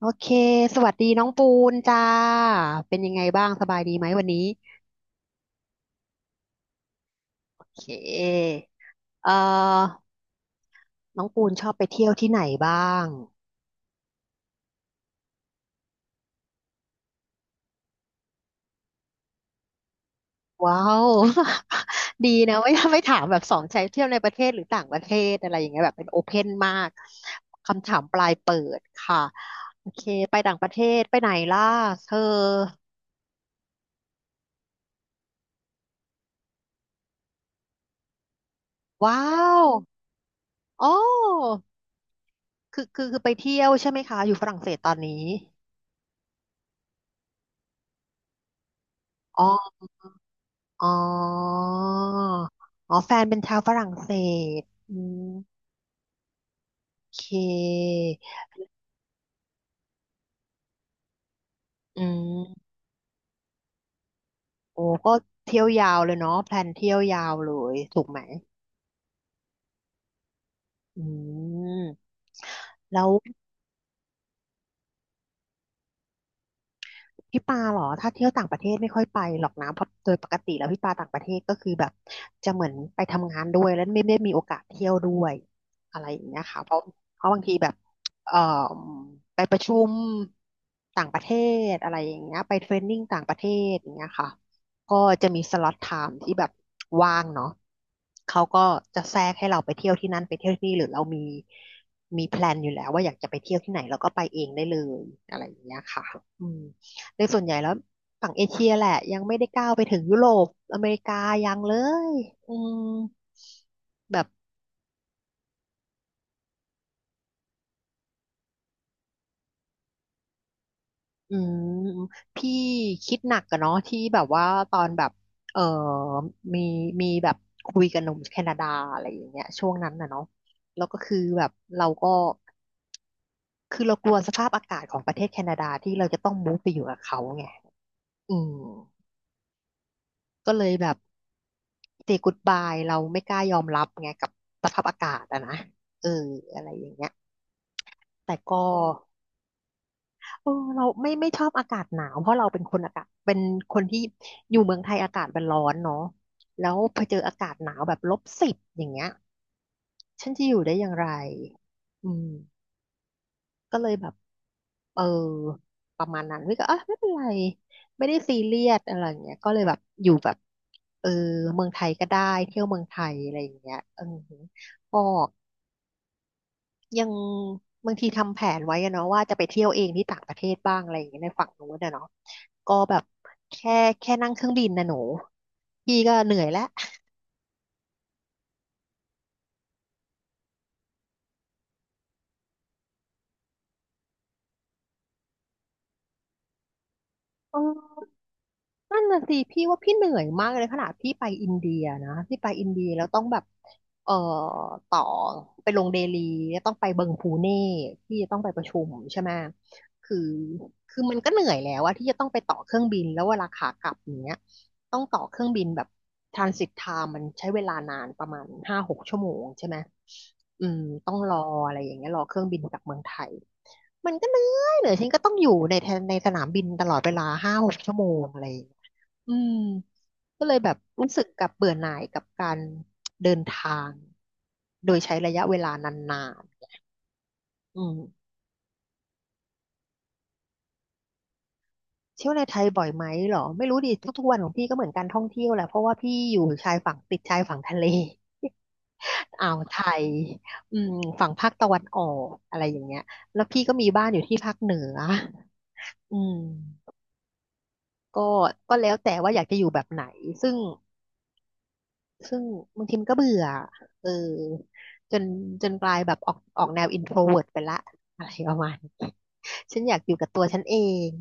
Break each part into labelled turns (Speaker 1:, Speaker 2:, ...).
Speaker 1: โอเคสวัสดีน้องปูนจ้าเป็นยังไงบ้าง สบายดีไหมวันนี้โอเคเอ่อน้องปูนชอบไปเที่ยวที่ไหนบ้างว้าว ดีนะไม่ถามแบบสองใช้เที่ยวในประเทศหรือต่างประเทศอะไรอย่างเงี้ยแบบเป็นโอเพนมากค่ะโอเคไปต่างประเทศไปไหนล่ะเธอว้าวอ๋อคือไปเที่ยวใช่ไหมคะอยู่ฝรั่งเศสตอนนี้อ๋อ อ๋ออ๋อแฟนเป็นชาวฝรั่งเศสอืมโอเคอืมโอ้ก็เที่ยวยาวเลยเนาะแพลนเที่ยวยาวเลยถูกไหมอืมแล้ว พี่ปาเหรอถ้าเที่ยวต่างประเทศไม่ค่อยไปหรอกนะเพราะโดยปกติแล้วพี่ปาต่างประเทศก็คือแบบจะเหมือนไปทำงานด้วยแล้วไม่ได้มีโอกาสเที่ยวด้วยอะไรอย่างเงี้ยค่ะเพราะบางทีแบบเอ่อไปประชุมต่างประเทศอะไรอย่างเงี้ยไปเทรนนิ่งต่างประเทศอย่างเงี้ยค่ะก็จะมีสล็อตไทม์ที่แบบว่างเนาะเขาก็จะแทรกให้เราไปเที่ยวที่นั่นไปเที่ยวที่นี่หรือเรามีแพลนอยู่แล้วว่าอยากจะไปเที่ยวที่ไหนเราก็ไปเองได้เลยอะไรอย่างเงี้ยค่ะอืม ในส่วนใหญ่แล้วฝั่งเอเชียแหละยังไม่ได้ก้าวไปถึงยุโรปอเมริกายังเลยอืมแบบอืมพี่คิดหนักอะเนาะที่แบบว่าตอนแบบเออมีมีแบบคุยกับหนุ่มแคนาดาอะไรอย่างเงี้ยช่วงนั้นน่ะเนาะแล้วก็คือแบบเราก็คือเรากลัวสภาพอากาศของประเทศแคนาดาที่เราจะต้องมูฟไปอยู่กับเขาไงอืมก็เลยแบบ say goodbye เราไม่กล้ายอมรับไงกับสภาพอากาศอะนะเอออะไรอย่างเงี้ย แต่ก็เออเราไม่ชอบอากาศหนาวเพราะเราเป็นคนอากาศเป็นคนที่อยู่เมืองไทยอากาศมันร้อนเนาะแล้วพอเจออากาศหนาวแบบลบสิบอย่างเงี้ยฉันจะอยู่ได้อย่างไรอืมก็เลยแบบเออประมาณนั้นพี่ก็อ่ะไม่เป็นไรไม่ได้ซีเรียสอะไรอย่างเงี้ยก็เลยแบบอยู่แบบเออเมืองไทยก็ได้เที่ยวเมืองไทยอะไรอย่างเงี้ยเออก็ ยังบางทีทำแผนไว้อะเนาะว่าจะไปเที่ยวเองที่ต่างประเทศบ้างอะไรอย่างเงี้ยในฝั่งนู้นอะเนาะก็แบบแค่แค่นั่งเครื่องบินนะหนูพี่ก็เหนื่อยแล้ว นั่นน่ะสิพี่ว่าพี่เหนื่อยมากเลยขนาดพี่ไปอินเดียนะพี่ไปอินเดียแล้วต้องแบบเอ่อต่อไปลงเดลีแล้วต้องไปเบิงพูเน่พี่จะต้องไปประชุมใช่ไหมคือคือมันก็เหนื่อยแล้วว่าที่จะต้องไปต่อเครื่องบินแล้วเวลาขากลับอย่างเนี้ยต้องต่อเครื่องบินแบบทรานสิตไทม์มันใช้เวลานานประมาณห้าหกชั่วโมงใช่ไหมอืมต้องรออะไรอย่างเงี้ยรอเครื่องบินกลับเมืองไทยมันก็เหนื่อยฉันก็ต้องอยู่ในแทนในสนามบินตลอดเวลาห้าหกชั่วโมงอะไรอย่างเงี้ย อืมก็เลยแบบรู้สึกกับเบื่อหน่ายกับการเดินทางโดยใช้ระยะเวลานานๆอืมเที่ยวในไทยบ่อยไหมเหรอไม่รู้ดิทุกๆวันของพี่ก็เหมือนการท่องเที่ยวแหละเพราะว่าพี่อยู่ชายฝั่งติดชายฝั่งทะเล อ่าวไทยอืมฝั่งภาคตะวันออกอะไรอย่างเงี้ยแล้วพี่ก็มีบ้านอยู่ที่ภาคเหนืออืมก็ก็แล้วแต่ว่าอยากจะอยู่แบบไหนซึ่ง ซึ่งบางทีมันก็เบื่อเออจนจนกลายแบบออกแนว Intro v e วิร์ไปละอะไรประมาณนี้ฉันอยากอยู่กับตัวฉันเอง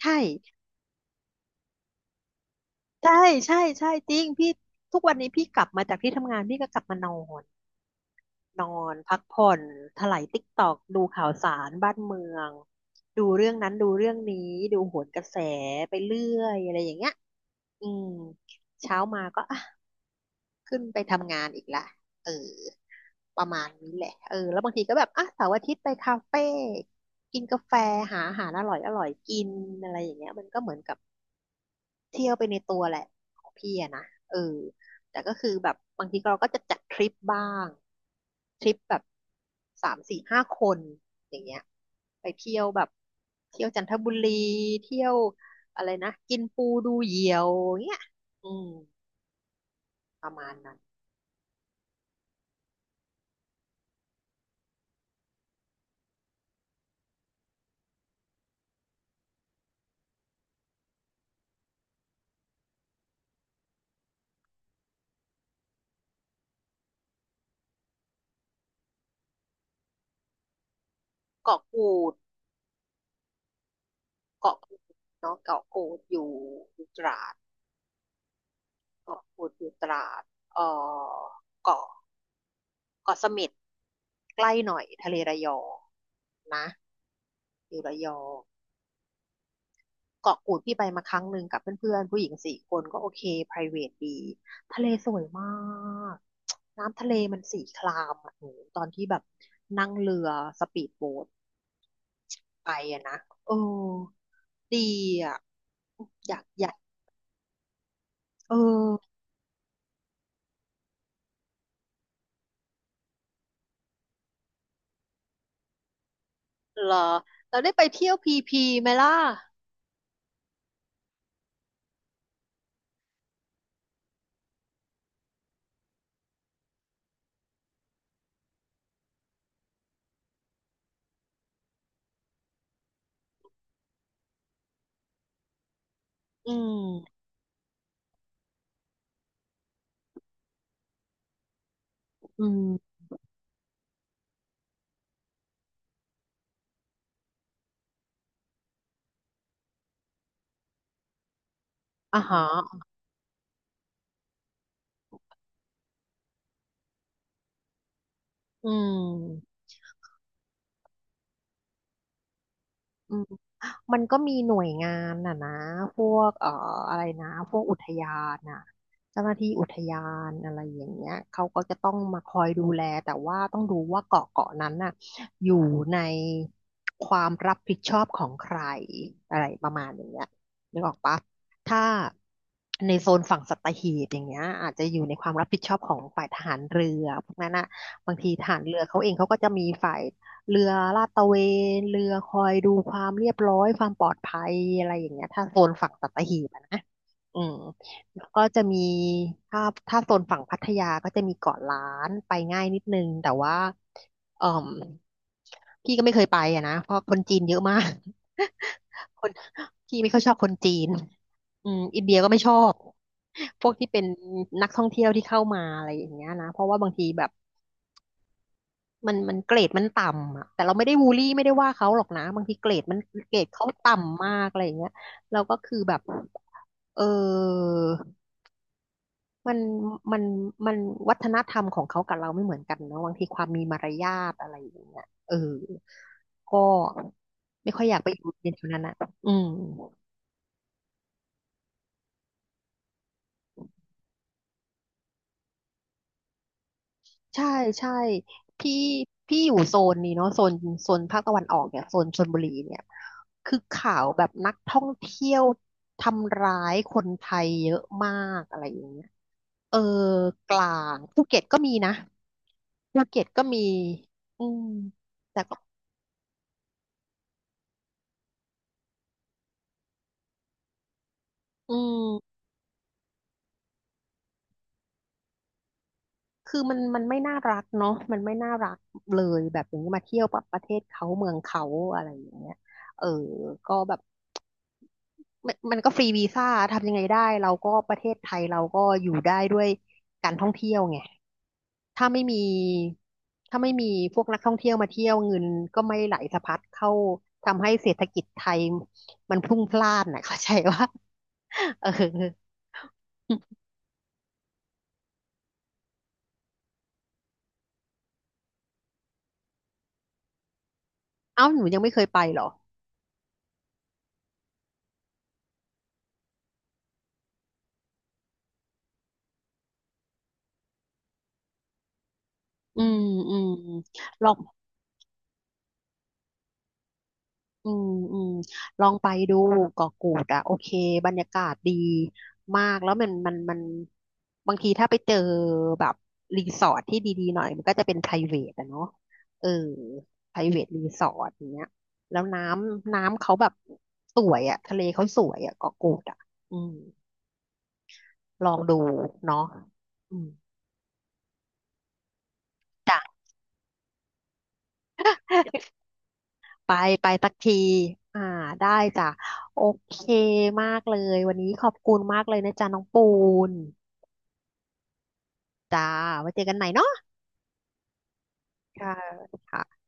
Speaker 1: ใช่ ใช่ ใช่ใช่จริงพี่ทุกวันนี้พี่กลับมาจากที่ทำงานพี่ก็กลับมานอน นอนพักผ่อนไถลายติ๊กตอก ดูข่าวสารบ้านเมือง ดูเรื่องนั้นดูเรื่องนี้ ดูโหนกระแสไปเรื่อยอะไรอย่างเงี้ยอืมเช้ามาก็อ่ะ ขึ้นไปทำงานอีกละเออประมาณนี้แหละเออแล้วบางทีก็แบบอ่ะเสาร์อาทิตย์ไปคาเฟ่กินกาแฟ หาอาหารอร่อยอร่อยกินอะไรอย่างเงี้ยมันก็เหมือนกับเที่ยวไปในตัวแหละของพี่อะนะเออแต่ก็คือแบบบางทีเราก็จะจัดทริปบ้าง ทริปแบบสามสี่ห้าคนอย่างเงี้ยไปเที่ยวแบบเที่ยวจันทบุรีเที่ยวอะไรนะ กินปูดูเหยี่ยวเงี้ยอืมประมาณนั้นเกาะกูด เกาะกูดเนาะเกาะกูดอยู่ตราดเกาะกูดอยู่ตราดเอ่อเกาะเกาะเสม็ดใกล้หน่อยทะเลระยองนะอยู่ระยองเกาะกูดพี่ไปมาครั้งหนึ่งกับเพื่อนๆผู้หญิงสี่คนก็โอเค private ดีทะเลสวยมากน้ำทะเลมันสีครามอ่ะหนูตอนที่แบบนั่งเรือสปีดโบ๊ทไปอะนะเออดีอ่ะอยากเออเหรอเราได้ไปเที่ยวพีพีไหมล่ะ อืมอืมอ่าฮะอืม อืม มันก็มีหน่วยงานน่ะนะพวกอะไรนะพวกอุทยานน่ะเจ้าหน้าที่อุทยานอะไรอย่างเงี้ยเขาก็จะต้องมาคอยดูแลแต่ว่าต้องดูว่าเกาะนั้นน่ะอยู่ในความรับผิดชอบของใครอะไรประมาณอย่างเงี้ยนึกออกปะถ้าในโซนฝั่งสัตหีบอย่างเงี้ยอาจจะอยู่ในความรับผิดชอบของฝ่ายทหารเรือพวกนั้นน่ะบางทีทหารเรือเขาเองเขาก็จะมีฝ่าย เรือลาดตระเวนเรือคอยดูความเรียบร้อยความปลอดภัยอะไรอย่างเงี้ยถ้าโซนฝั่งสัตหีบอะนะอืมแล้วก็จะมีถ้าโซนฝั่งพัทยาก็จะมีเกาะล้านไปง่ายนิดนึงแต่ว่าเอ่มพี่ก็ไม่เคยไปอะนะเพราะคนจีนเยอะมาก คนพี่ไม่ค่อยชอบคนจีนอืมอินเดียก็ไม่ชอบพวกที่เป็นนักท่องเที่ยวที่เข้ามาอะไรอย่างเงี้ยนะเพราะว่าบางทีแบบ มันเกรดมันต่ำอ่ะแต่เราไม่ได้บูลลี่ไม่ได้ว่าเขาหรอกนะบางทีเกรดมันเกรดเขาต่ำมากอะไรอย่างเงี้ยเราก็คือแบบเออมันมันมันวัฒนธรรมของเขากับเราไม่เหมือนกันเนาะบางทีความมีมารยาทอะไรอย่างเงี้ยเออก็ไม่ค่อยอยากไปอยู่ในแถวนั้นอ่ะอืม ใช่ใช่พี่พี่อยู่โซนนี้เนาะโซนภาคตะวันออกเนี่ยโซนชลบุรีเนี่ยคือข่าวแบบนักท่องเที่ยวทำร้ายคนไทยเยอะมากอะไรอย่างเงี้ยเออกลางภูเก็ตก็มีนะภูเก็ตก็มีอืมแต่ก็อืมคือมันไม่น่ารักเนาะมันไม่น่ารักเลยแบบอย่างนี้มาเที่ยวประเทศเขาเมืองเขาอะไรอย่างเงี้ยเออก็แบบ มันก็ฟรีวีซ่าทำยังไงได้เราก็ประเทศไทยเราก็อยู่ได้ด้วยการท่องเที่ยวไงถ้าไม่มีถ้าไม่มีพวกนักท่องเที่ยวมาเที่ยวเงินก็ไม่ไหลสะพัดเข้าทำให้เศรษฐกิจไทยมันพลุ่งพล่านนะ เข้าใจว่าเออเอ้าหนูยังไม่เคยไปเหรออืมอืมลอง อืมอืมลองไปดูเกาะกูดอ่ะโอเคบรรยากาศดีมากแล้วมันบางทีถ้าไปเจอแบบรีสอร์ทที่ดีๆหน่อยมันก็จะเป็น private อะเนาะเออ private รีสอร์ทอย่างเงี้ยแล้วน้ำเขาแบบสวยอ่ะทะเลเขาสวยอ่ะเกาะกูดอ่ะอืมลองดูเนาะอืมจ้ะไปไปสักทีอ่าได้จ้ะโอเคมากเลยวันนี้ขอบคุณมากเลยนะจ๊ะน้องปูน จ้าไว้เจอกันใหม่เนาะค่ะค่ะ